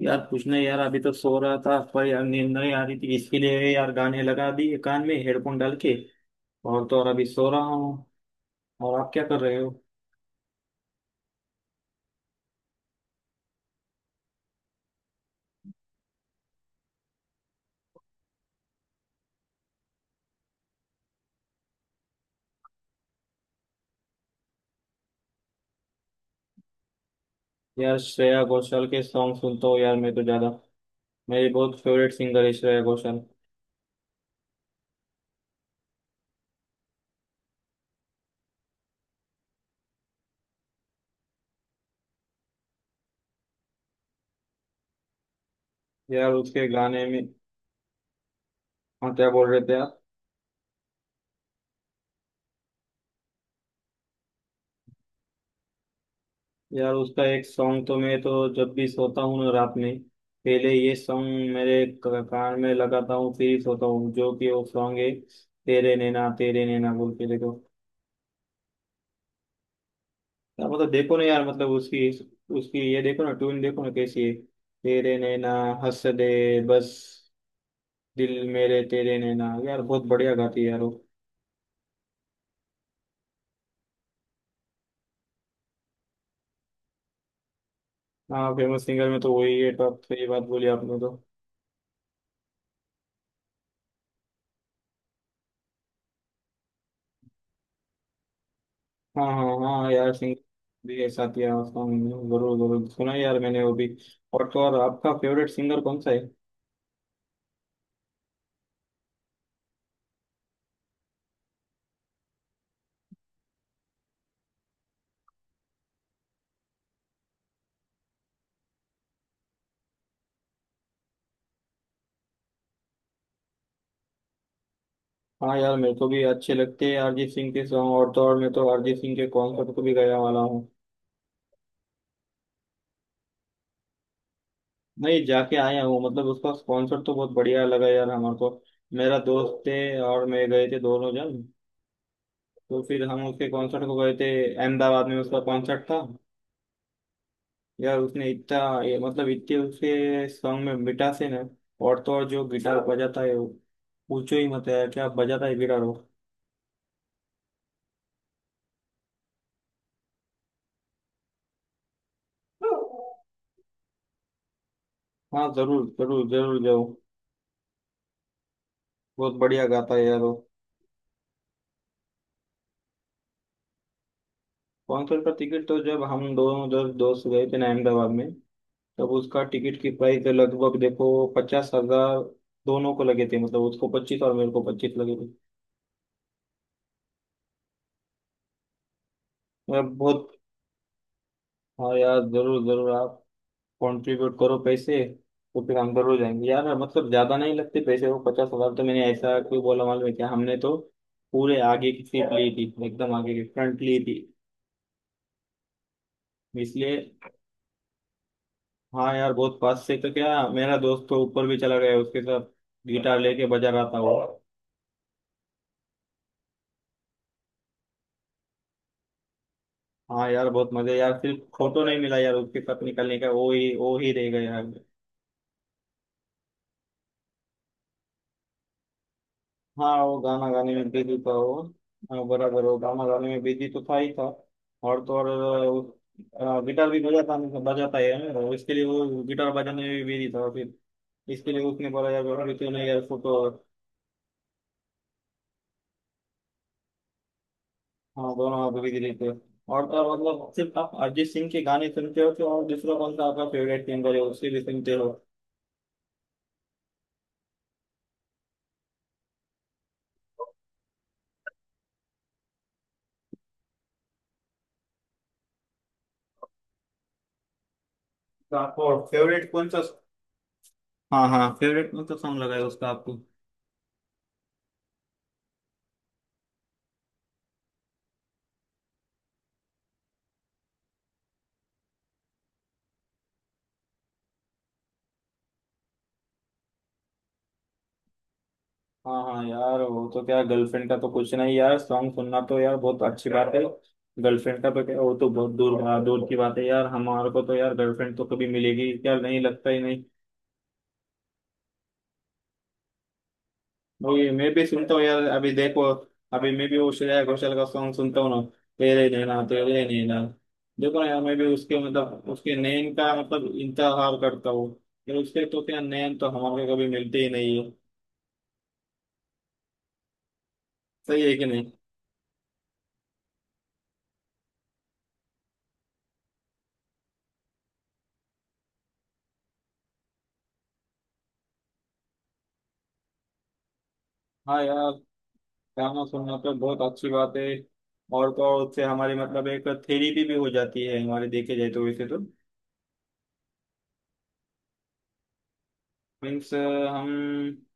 यार कुछ नहीं यार, अभी तो सो रहा था पर यार नींद नहीं आ रही थी। इसके लिए यार गाने लगा दिए कान में हेडफोन डाल के। और तो और अभी सो रहा हूँ। और आप क्या कर रहे हो? यार श्रेया घोषाल के सॉन्ग सुनता हूँ यार मैं तो ज्यादा। मेरी बहुत फेवरेट सिंगर है श्रेया घोषाल। यार उसके गाने में, हाँ क्या बोल रहे थे आप? यार उसका एक सॉन्ग तो मैं तो जब भी सोता हूँ ना रात में, पहले ये सॉन्ग मेरे कान में लगाता हूँ फिर ही सोता हूँ, जो कि वो सॉन्ग है तेरे नैना बोल के, देखो। यार मतलब देखो ना, यार मतलब उसकी उसकी ये देखो ना ट्यून, देखो ना कैसी है। तेरे नैना हंस दे बस दिल मेरे तेरे नैना। यार बहुत बढ़िया गाती है यार वो। हाँ फेमस सिंगर में तो वही है टॉप, सही बात बोली आपने तो। हाँ हाँ हाँ यार, सिंगर भी ऐसा किया उसका, मैंने जरूर जरूर सुना है यार मैंने वो भी। और तो और आपका फेवरेट सिंगर कौन सा है? हाँ यार मेरे को भी अच्छे लगते हैं अरिजीत सिंह के सॉन्ग, और तो और मैं तो अरिजीत सिंह के कॉन्सर्ट को भी गया वाला हूँ। नहीं, जाके आया हूँ। मतलब उसका स्पॉन्सर तो बहुत बढ़िया लगा यार हमारे को। मेरा दोस्त थे और मैं गए थे दोनों जन, तो फिर हम उसके कॉन्सर्ट को गए थे। अहमदाबाद में उसका कॉन्सर्ट था। यार उसने इतना, ये मतलब इतने उसके सॉन्ग में मिठास है ना। और तो और जो गिटार बजाता है वो, पूछो ही मत है क्या बजाता है गिटार वो। हाँ जरूर जरूर जरूर जाओ, बहुत बढ़िया गाता है यार वो। कॉन्सर्ट का टिकट तो जब हम दोनों दोस्त दोस्त गए थे ना अहमदाबाद में, तब उसका टिकट की प्राइस लगभग देखो 50,000। दोनों को लगे थे, मतलब उसको 25 और मेरे को 25 लगे थे। मैं बहुत, हाँ यार जरूर जरूर आप कंट्रीब्यूट करो पैसे, तो फिर हम जरूर जाएंगे यार। मतलब ज्यादा नहीं लगते पैसे वो 50,000, तो मैंने ऐसा क्यों बोला मालूम है क्या? हमने तो पूरे आगे की सीट ली थी, एकदम आगे की फ्रंट ली थी इसलिए। हाँ यार बहुत पास से, तो क्या मेरा दोस्त तो ऊपर भी चला गया उसके साथ, गिटार लेके बजा रहा था वो। हाँ यार बहुत मजे यार, सिर्फ फोटो नहीं मिला यार उसके साथ निकलने का, वो ही रह गया यार। हाँ वो गाना गाने में बिजी था वो। हाँ, बराबर वो गाना गाने में बिजी तो था ही था। और तो और गिटार भी बजाता बजाता है, और इसके लिए वो गिटार बजाने में भी बिजी था फिर, इसके लिए उसने बोला यार अभी क्यों नहीं यार फोटो। हाँ दोनों आप बिजी रहते हो। और तो और मतलब सिर्फ आप अरिजीत सिंह के गाने सुनते हो, तो और दूसरा कौन सा आपका फेवरेट सिंगर है उसके लिए सुनते हो? तो आपको फेवरेट कौन सा? हाँ हाँ, फेवरेट मतलब सॉन्ग लगाया उसका आपको। हाँ हाँ यार, वो तो क्या, गर्लफ्रेंड का तो कुछ नहीं यार, सॉन्ग सुनना तो यार बहुत अच्छी बात है। गर्लफ्रेंड का तो क्या, वो तो बहुत दूर, हाँ, दूर की बात है यार, हमारे को तो यार गर्लफ्रेंड तो कभी मिलेगी क्या, नहीं लगता ही नहीं। वो ये मैं भी सुनता हूँ यार, अभी देखो, अभी मैं भी वो श्रेया घोषाल का सॉन्ग सुनता हूँ ना, तेरे नैना तेरे नैना। देखो ना यार, मैं भी उसके मतलब उसके नैन का मतलब इंतजार करता हूँ। यार उसके तो क्या, नैन तो हमारे को कभी मिलते ही नहीं है। सही है कि नहीं? हाँ यार गाना सुनना तो बहुत अच्छी बात है। और तो और उससे हमारी मतलब एक थेरेपी भी हो जाती है, हमारे देखे जाए तो वैसे तो। मीन्स हम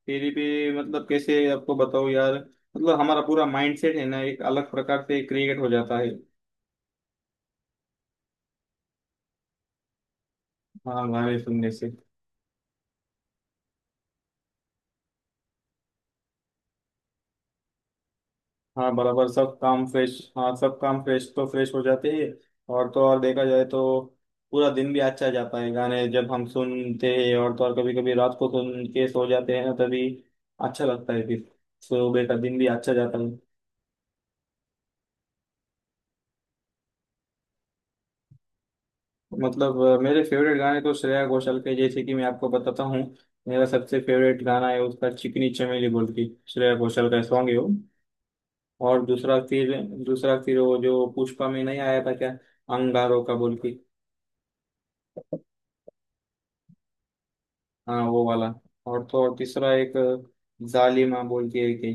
थेरेपी, मतलब कैसे आपको बताओ यार, मतलब हमारा पूरा माइंडसेट है ना एक अलग प्रकार से क्रिएट हो जाता है। हाँ गाने सुनने से। हाँ बराबर सब काम फ्रेश, हाँ सब काम फ्रेश तो फ्रेश हो जाते हैं। और तो और देखा जाए तो पूरा दिन भी अच्छा जाता है गाने जब हम सुनते हैं, और तो और कभी कभी रात को सुन के सो जाते हैं ना तभी, अच्छा लगता है फिर सुबह का दिन भी अच्छा जाता है। मतलब मेरे फेवरेट गाने तो श्रेया घोषाल के, जैसे कि मैं आपको बताता हूँ। मेरा सबसे फेवरेट गाना है उसका चिकनी चमेली बोल के, श्रेया घोषाल का सॉन्ग है वो। और दूसरा फिर, दूसरा फिर वो जो पुष्पा में नहीं आया था क्या, अंगारों का बोल के। हाँ वो वाला। और तो और तीसरा एक जालिमा बोल के एक है।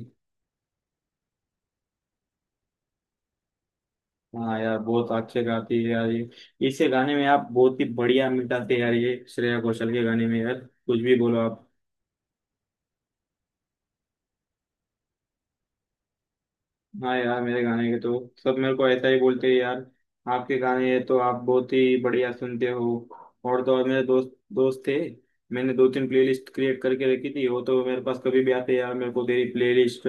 हाँ यार बहुत अच्छे गाती है यार ये। इसके गाने में आप बहुत ही बढ़िया मिटाते हैं यार, ये श्रेया घोषाल के गाने में यार, कुछ भी बोलो आप। हाँ यार मेरे गाने के तो सब मेरे को ऐसा ही बोलते हैं यार, आपके गाने, ये तो आप बहुत ही बढ़िया सुनते हो। और तो और मेरे दोस्त दोस्त थे, मैंने दो तीन प्लेलिस्ट क्रिएट करके रखी थी, वो तो मेरे पास कभी भी आते हैं यार, मेरे को तेरी प्लेलिस्ट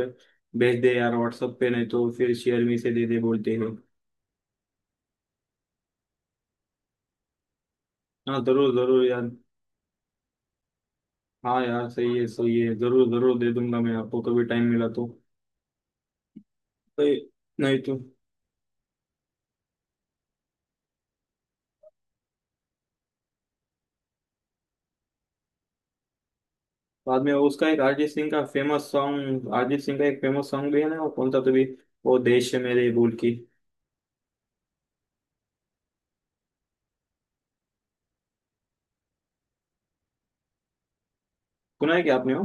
भेज दे यार व्हाट्सएप पे, नहीं तो फिर शेयर मी से दे दे बोलते हैं। हाँ जरूर जरूर यार। हाँ यार सही है सही है, जरूर जरूर दे दूंगा मैं आपको कभी टाइम मिला तो। तो ये, नहीं तो बाद में उसका एक अरिजीत सिंह का फेमस सॉन्ग, अरिजीत सिंह का एक फेमस सॉन्ग भी है ना, वो कौन सा तो भी, वो देश है मेरे बोल की। सुना है क्या आपने वो?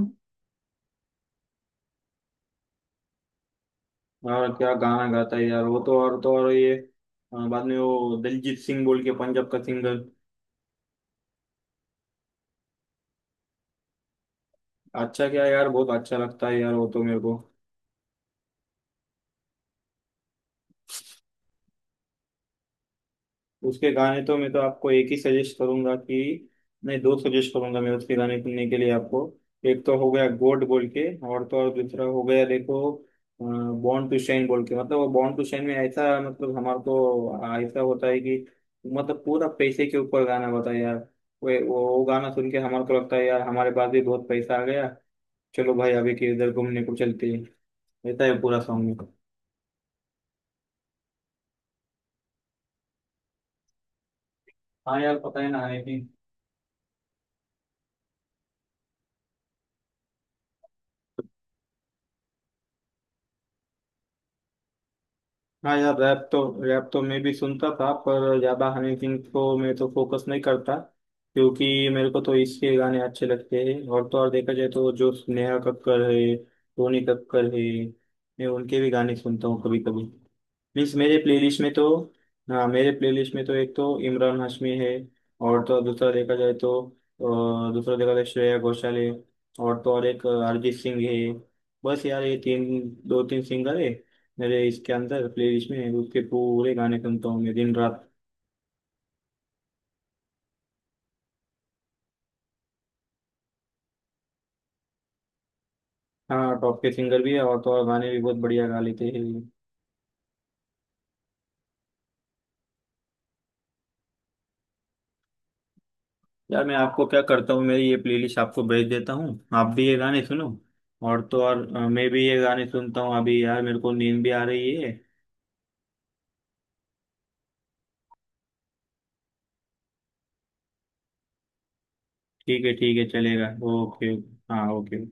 और क्या गाना गाता है यार वो, तो और ये। हाँ, बाद में वो दलजीत सिंह बोल के पंजाब का सिंगर। अच्छा क्या यार, बहुत अच्छा लगता है यार वो तो मेरे को। उसके गाने तो मैं तो आपको एक ही सजेस्ट करूंगा, कि नहीं दो सजेस्ट करूंगा मैं उसके गाने सुनने के लिए आपको। एक तो हो गया गोड बोल के, और तो और दूसरा हो गया देखो बॉर्न टू शाइन बोल के। मतलब वो बॉर्न टू शाइन में ऐसा मतलब हमारे को ऐसा होता है कि मतलब पूरा पैसे के ऊपर गाना होता है यार। वो गाना सुन के हमारे को लगता है यार हमारे पास भी बहुत पैसा आ गया, चलो भाई अभी के इधर घूमने को चलते हैं, ऐसा है पूरा सॉन्ग में। हाँ यार पता है ना है कि। हाँ यार रैप तो, रैप तो मैं भी सुनता था, पर ज्यादा हनी सिंह को मैं तो फोकस नहीं करता, क्योंकि मेरे को तो इसके गाने अच्छे लगते हैं। और तो और देखा जाए तो जो नेहा कक्कड़ है, रोनी कक्कड़ है, मैं उनके भी गाने सुनता हूँ कभी कभी। प्लीज मेरे प्लेलिस्ट में तो, हाँ मेरे प्लेलिस्ट में तो एक तो इमरान हाशमी है, और तो दूसरा देखा जाए तो दूसरा देखा जाए श्रेया घोषाल है, और तो और एक अरिजीत सिंह है। बस यार ये तीन, दो तीन सिंगर है मेरे, इसके अंदर प्लेलिस्ट में उसके पूरे गाने सुनता हूँ मैं दिन रात। हाँ टॉप के सिंगर भी है, और तो और गाने भी बहुत बढ़िया गा लेते हैं। यार मैं आपको क्या करता हूँ, मेरी ये प्लेलिस्ट आपको भेज देता हूँ, आप भी ये गाने सुनो। और तो और मैं भी ये गाने सुनता हूँ अभी, यार मेरे को नींद भी आ रही है। ठीक है ठीक है चलेगा। ओके। हाँ ओके।